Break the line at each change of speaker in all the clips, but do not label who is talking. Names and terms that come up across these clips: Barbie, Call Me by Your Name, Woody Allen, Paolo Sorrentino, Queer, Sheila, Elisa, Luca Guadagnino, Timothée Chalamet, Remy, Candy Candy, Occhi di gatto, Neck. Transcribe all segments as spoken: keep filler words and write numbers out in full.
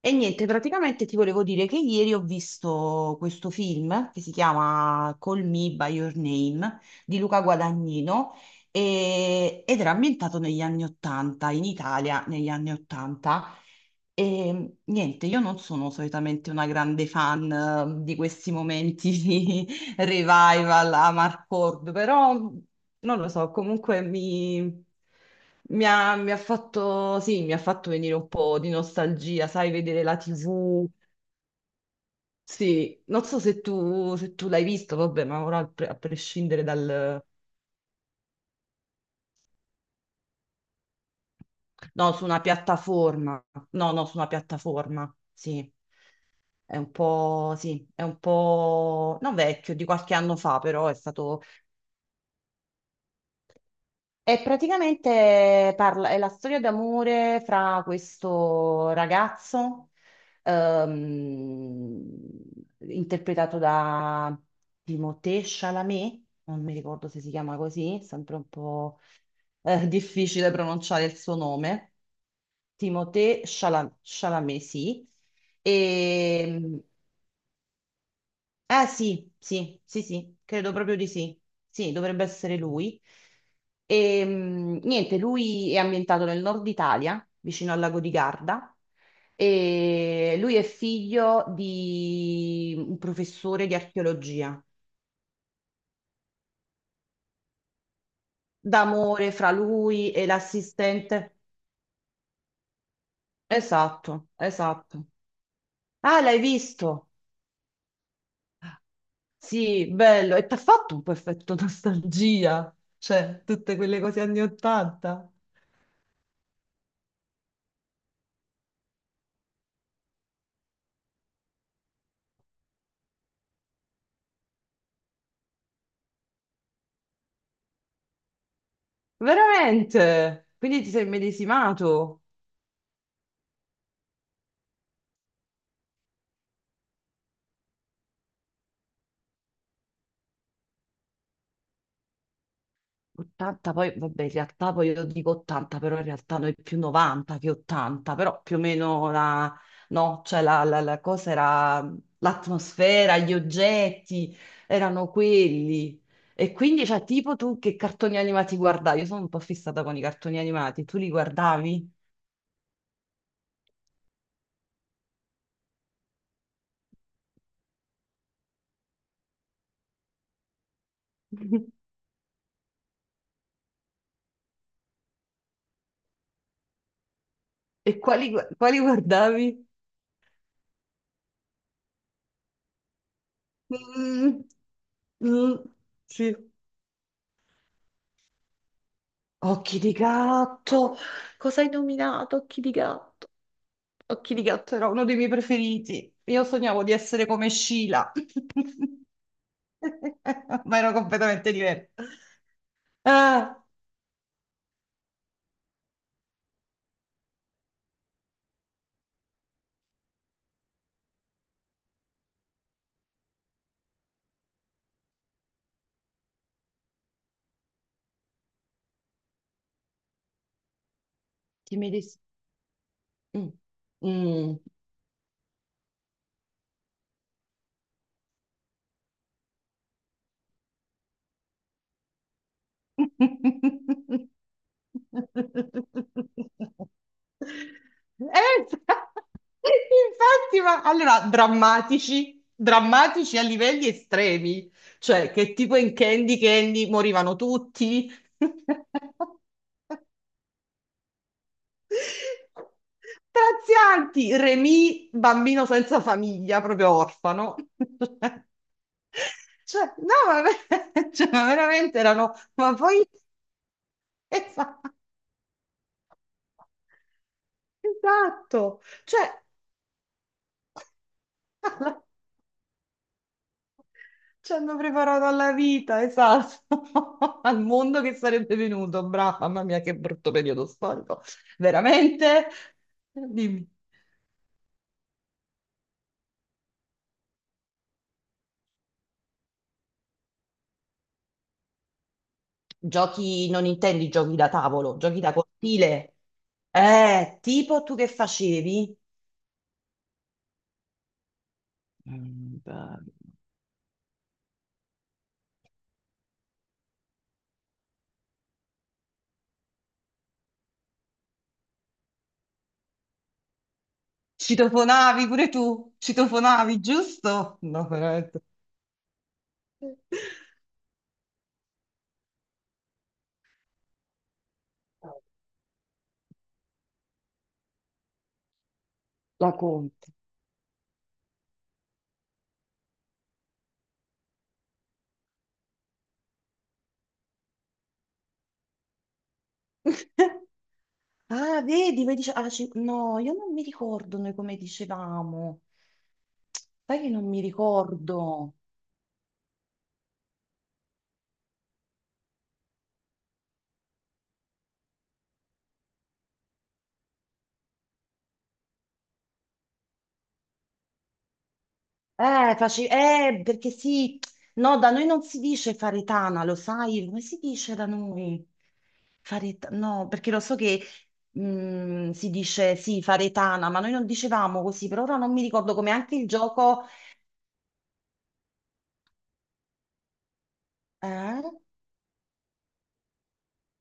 E niente, praticamente ti volevo dire che ieri ho visto questo film che si chiama Call Me by Your Name di Luca Guadagnino e- ed era ambientato negli anni Ottanta, in Italia negli anni Ottanta. E niente, io non sono solitamente una grande fan eh, di questi momenti revival a Marcord, però non lo so, comunque mi, mi ha, mi ha fatto, sì, mi ha fatto venire un po' di nostalgia, sai, vedere la tivù. Sì, non so se tu, se tu l'hai visto, vabbè, ma ora a pre- a prescindere dal... No, su una piattaforma. No, no, su una piattaforma, sì. È un po', sì, è un po' non vecchio, di qualche anno fa, però è stato. E praticamente parla, è la storia d'amore fra questo ragazzo, ehm, interpretato da Timothée Chalamet, non mi ricordo se si chiama così, è sempre un po' eh, difficile pronunciare il suo nome, Timothée Chala- Chalamet, sì. E, eh sì, sì, sì, sì, credo proprio di sì. Sì, dovrebbe essere lui. E, mh, niente, lui è ambientato nel nord Italia, vicino al lago di Garda, e lui è figlio di un professore di archeologia. D'amore fra lui e l'assistente. Esatto, esatto. Ah, l'hai visto? Sì, bello. E ti ha fatto un po' effetto nostalgia, cioè tutte quelle cose anni ottanta. Veramente? Quindi ti sei immedesimato? ottanta, poi vabbè, in realtà poi io dico ottanta, però in realtà noi più novanta che ottanta, però più o meno la, no, cioè la, la- la cosa era l'atmosfera, gli oggetti erano quelli. E quindi, cioè, tipo tu che cartoni animati guardavi? Io sono un po' fissata con i cartoni animati, tu li guardavi? E quali, gu- quali guardavi? Mm, mm, sì. Occhi di gatto. Cosa hai nominato? Occhi di gatto. Occhi di gatto era uno dei miei preferiti. Io sognavo di essere come Sheila, ma ero completamente diversa. Ah, dimmi di sì. Mm. Mm. Eh, infatti, ma allora drammatici, drammatici a livelli estremi, cioè che tipo in Candy Candy morivano tutti. Strazianti, Remy, bambino senza famiglia, proprio orfano. Cioè, no, ma, ver- cioè, ma veramente erano, ma poi esatto, cioè alla- ci hanno preparato alla vita, esatto, al mondo che sarebbe venuto, brava, mamma mia che brutto periodo storico, veramente? Dimmi. Giochi, non intendi giochi da tavolo, giochi da cortile, eh, tipo tu che facevi? Mm, bello. Citofonavi pure tu, citofonavi, giusto? No, veramente. La Conte. Ah, vedi, poi dice, ah, ci- no, io non mi ricordo noi come dicevamo. Sai che non mi ricordo. Eh, face- eh, perché sì, no, da noi non si dice faretana, lo sai? Come si dice da noi? Fareta- no, perché lo so che mm, si dice sì, faretana, ma noi non dicevamo così, per ora non mi ricordo come anche il gioco. Eh?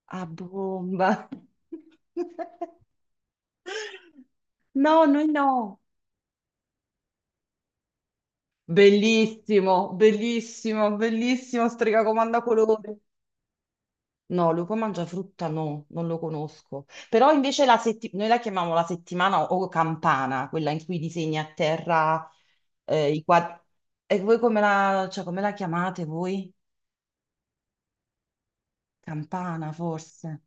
A bomba. No, noi no. Bellissimo, bellissimo, bellissimo, strega colore. No, lupo mangia frutta no, non lo conosco. Però invece la setti- noi la chiamiamo la settimana o campana, quella in cui disegni a terra eh, i quadri. E voi come la, cioè, come la chiamate voi? Campana, forse.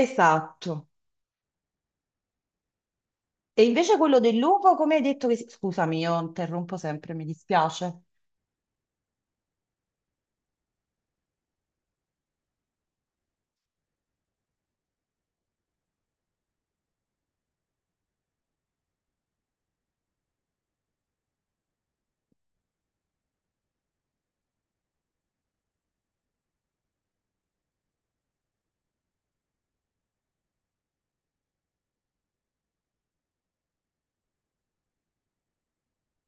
Esatto. E invece quello del lupo, come hai detto che... si- Scusami, io interrompo sempre, mi dispiace.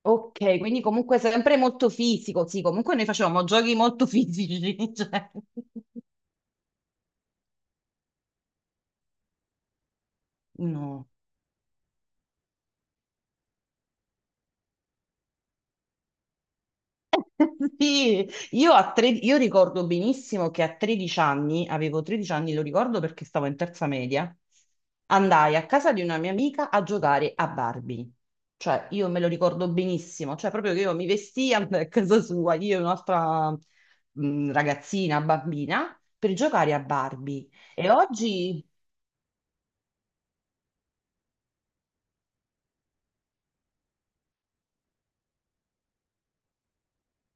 Ok, quindi comunque sempre molto fisico, sì, comunque noi facevamo giochi molto fisici, cioè... No. Sì, io, a tre- io ricordo benissimo che a tredici anni, avevo tredici anni, lo ricordo perché stavo in terza media, andai a casa di una mia amica a giocare a Barbie. Cioè, io me lo ricordo benissimo, cioè proprio che io mi vestia andai a casa sua, io e un'altra mm, ragazzina, bambina, per giocare a Barbie. E oggi...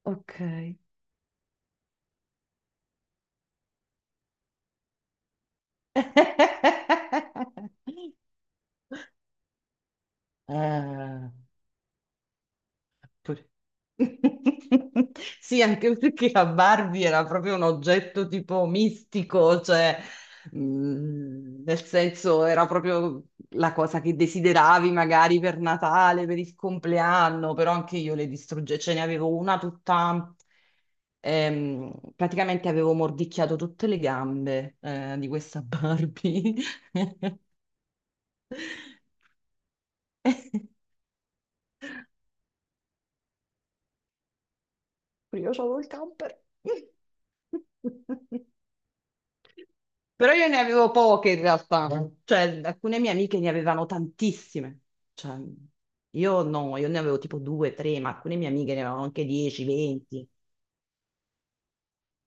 Ok. Eh, pure- sì, anche perché la Barbie era proprio un oggetto tipo mistico, cioè, mm, nel senso era proprio la cosa che desideravi magari per Natale, per il compleanno, però anche io le distrugge, ce ne avevo una tutta, ehm, praticamente avevo mordicchiato tutte le gambe, eh, di questa Barbie. Io solo il camper. Però io ne avevo poche in realtà, cioè alcune mie amiche ne avevano tantissime, cioè io no, io ne avevo tipo due, tre, ma alcune mie amiche ne avevano anche dieci, venti.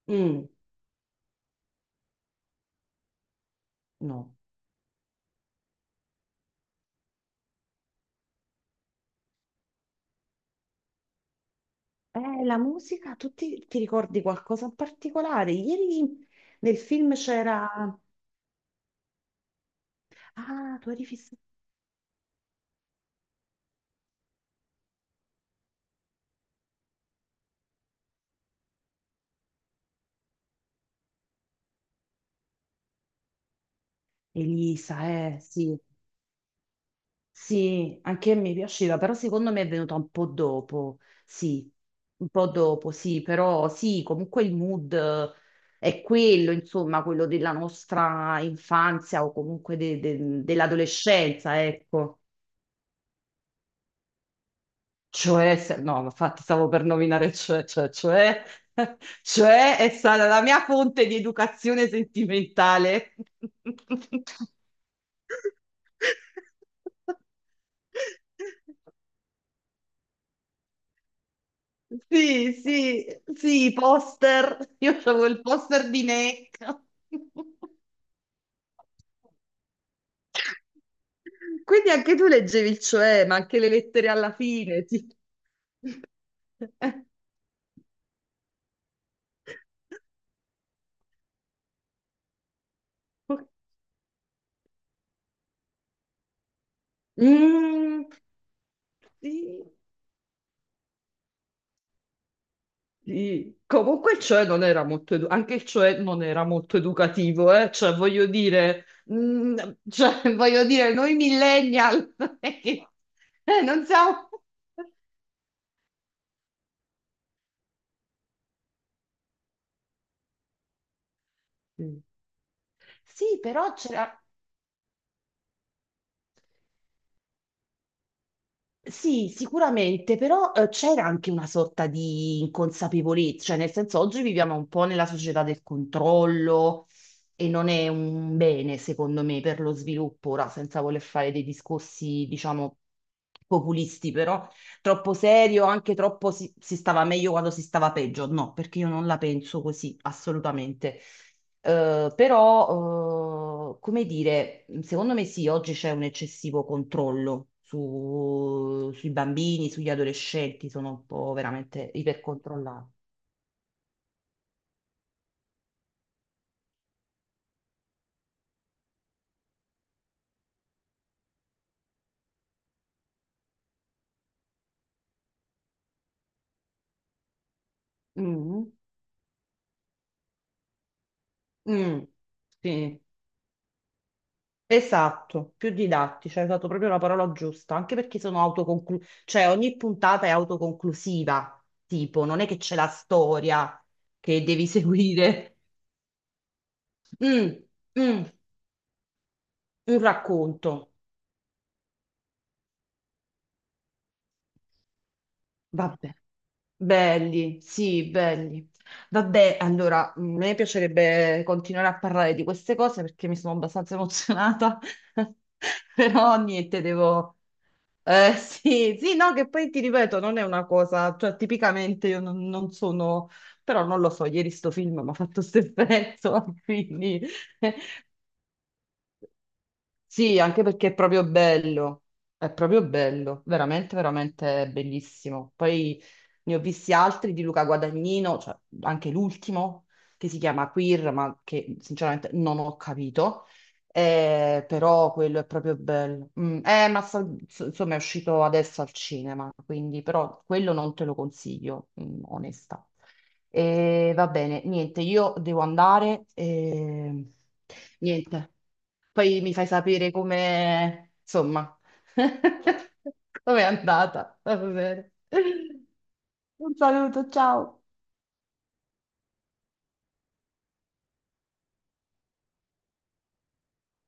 Mm, no. Eh, la musica, tu ti, ti ricordi qualcosa in particolare? Ieri nel film c'era... Ah, tu eri fissata. Elisa, eh, sì. Sì, anche a me piaceva, però secondo me è venuta un po' dopo, sì, un po' dopo, sì, però sì, comunque il mood eh, è quello, insomma, quello della nostra infanzia o comunque de- de- dell'adolescenza, ecco. Cioè, se- no, infatti stavo per nominare cioè, cioè, cioè, cioè è stata la mia fonte di educazione sentimentale. Sì, sì, sì, i poster. Io avevo il poster di Neck. Quindi anche tu leggevi il cioè, ma anche le lettere alla fine. ti- Mm, sì, sì. Comunque il cioè non era molto edu- anche il cioè non era molto educativo, eh? Cioè, voglio dire, mm, cioè, voglio dire, noi millennial eh, non siamo. Sì, però c'era, sì, sicuramente, però eh, c'era anche una sorta di inconsapevolezza, cioè nel senso oggi viviamo un po' nella società del controllo e non è un bene, secondo me, per lo sviluppo, ora senza voler fare dei discorsi, diciamo, populisti, però troppo serio, anche troppo si, si stava meglio quando si stava peggio. No, perché io non la penso così, assolutamente. Eh, però, eh, come dire, secondo me sì, oggi c'è un eccessivo controllo su- sui bambini, sugli adolescenti, sono un po' veramente ipercontrollati. Mm. Mm. Sì. Esatto, più didattica, hai usato proprio la parola giusta, anche perché sono autoconclusiva, cioè ogni puntata è autoconclusiva, tipo, non è che c'è la storia che devi seguire, mm, mm, un racconto. Vabbè, belli, sì, belli. Vabbè, allora, mm, a me piacerebbe continuare a parlare di queste cose perché mi sono abbastanza emozionata, però niente, devo. Eh, sì, sì, no, che poi ti ripeto, non è una cosa, cioè tipicamente io non, non sono, però non lo so, ieri sto film mi ha fatto questo effetto, quindi sì, anche perché è proprio bello, è proprio bello, veramente, veramente bellissimo. Poi ne ho visti altri di Luca Guadagnino, cioè anche l'ultimo, che si chiama Queer, ma che sinceramente non ho capito. Eh, però quello è proprio bello. Mm, eh, ma sa- ins- insomma è uscito adesso al cinema, quindi però quello non te lo consiglio, mm, onesta. E va bene, niente, io devo andare. E niente. Poi mi fai sapere come, insomma, com'è andata. Va bene. Un saluto, ciao.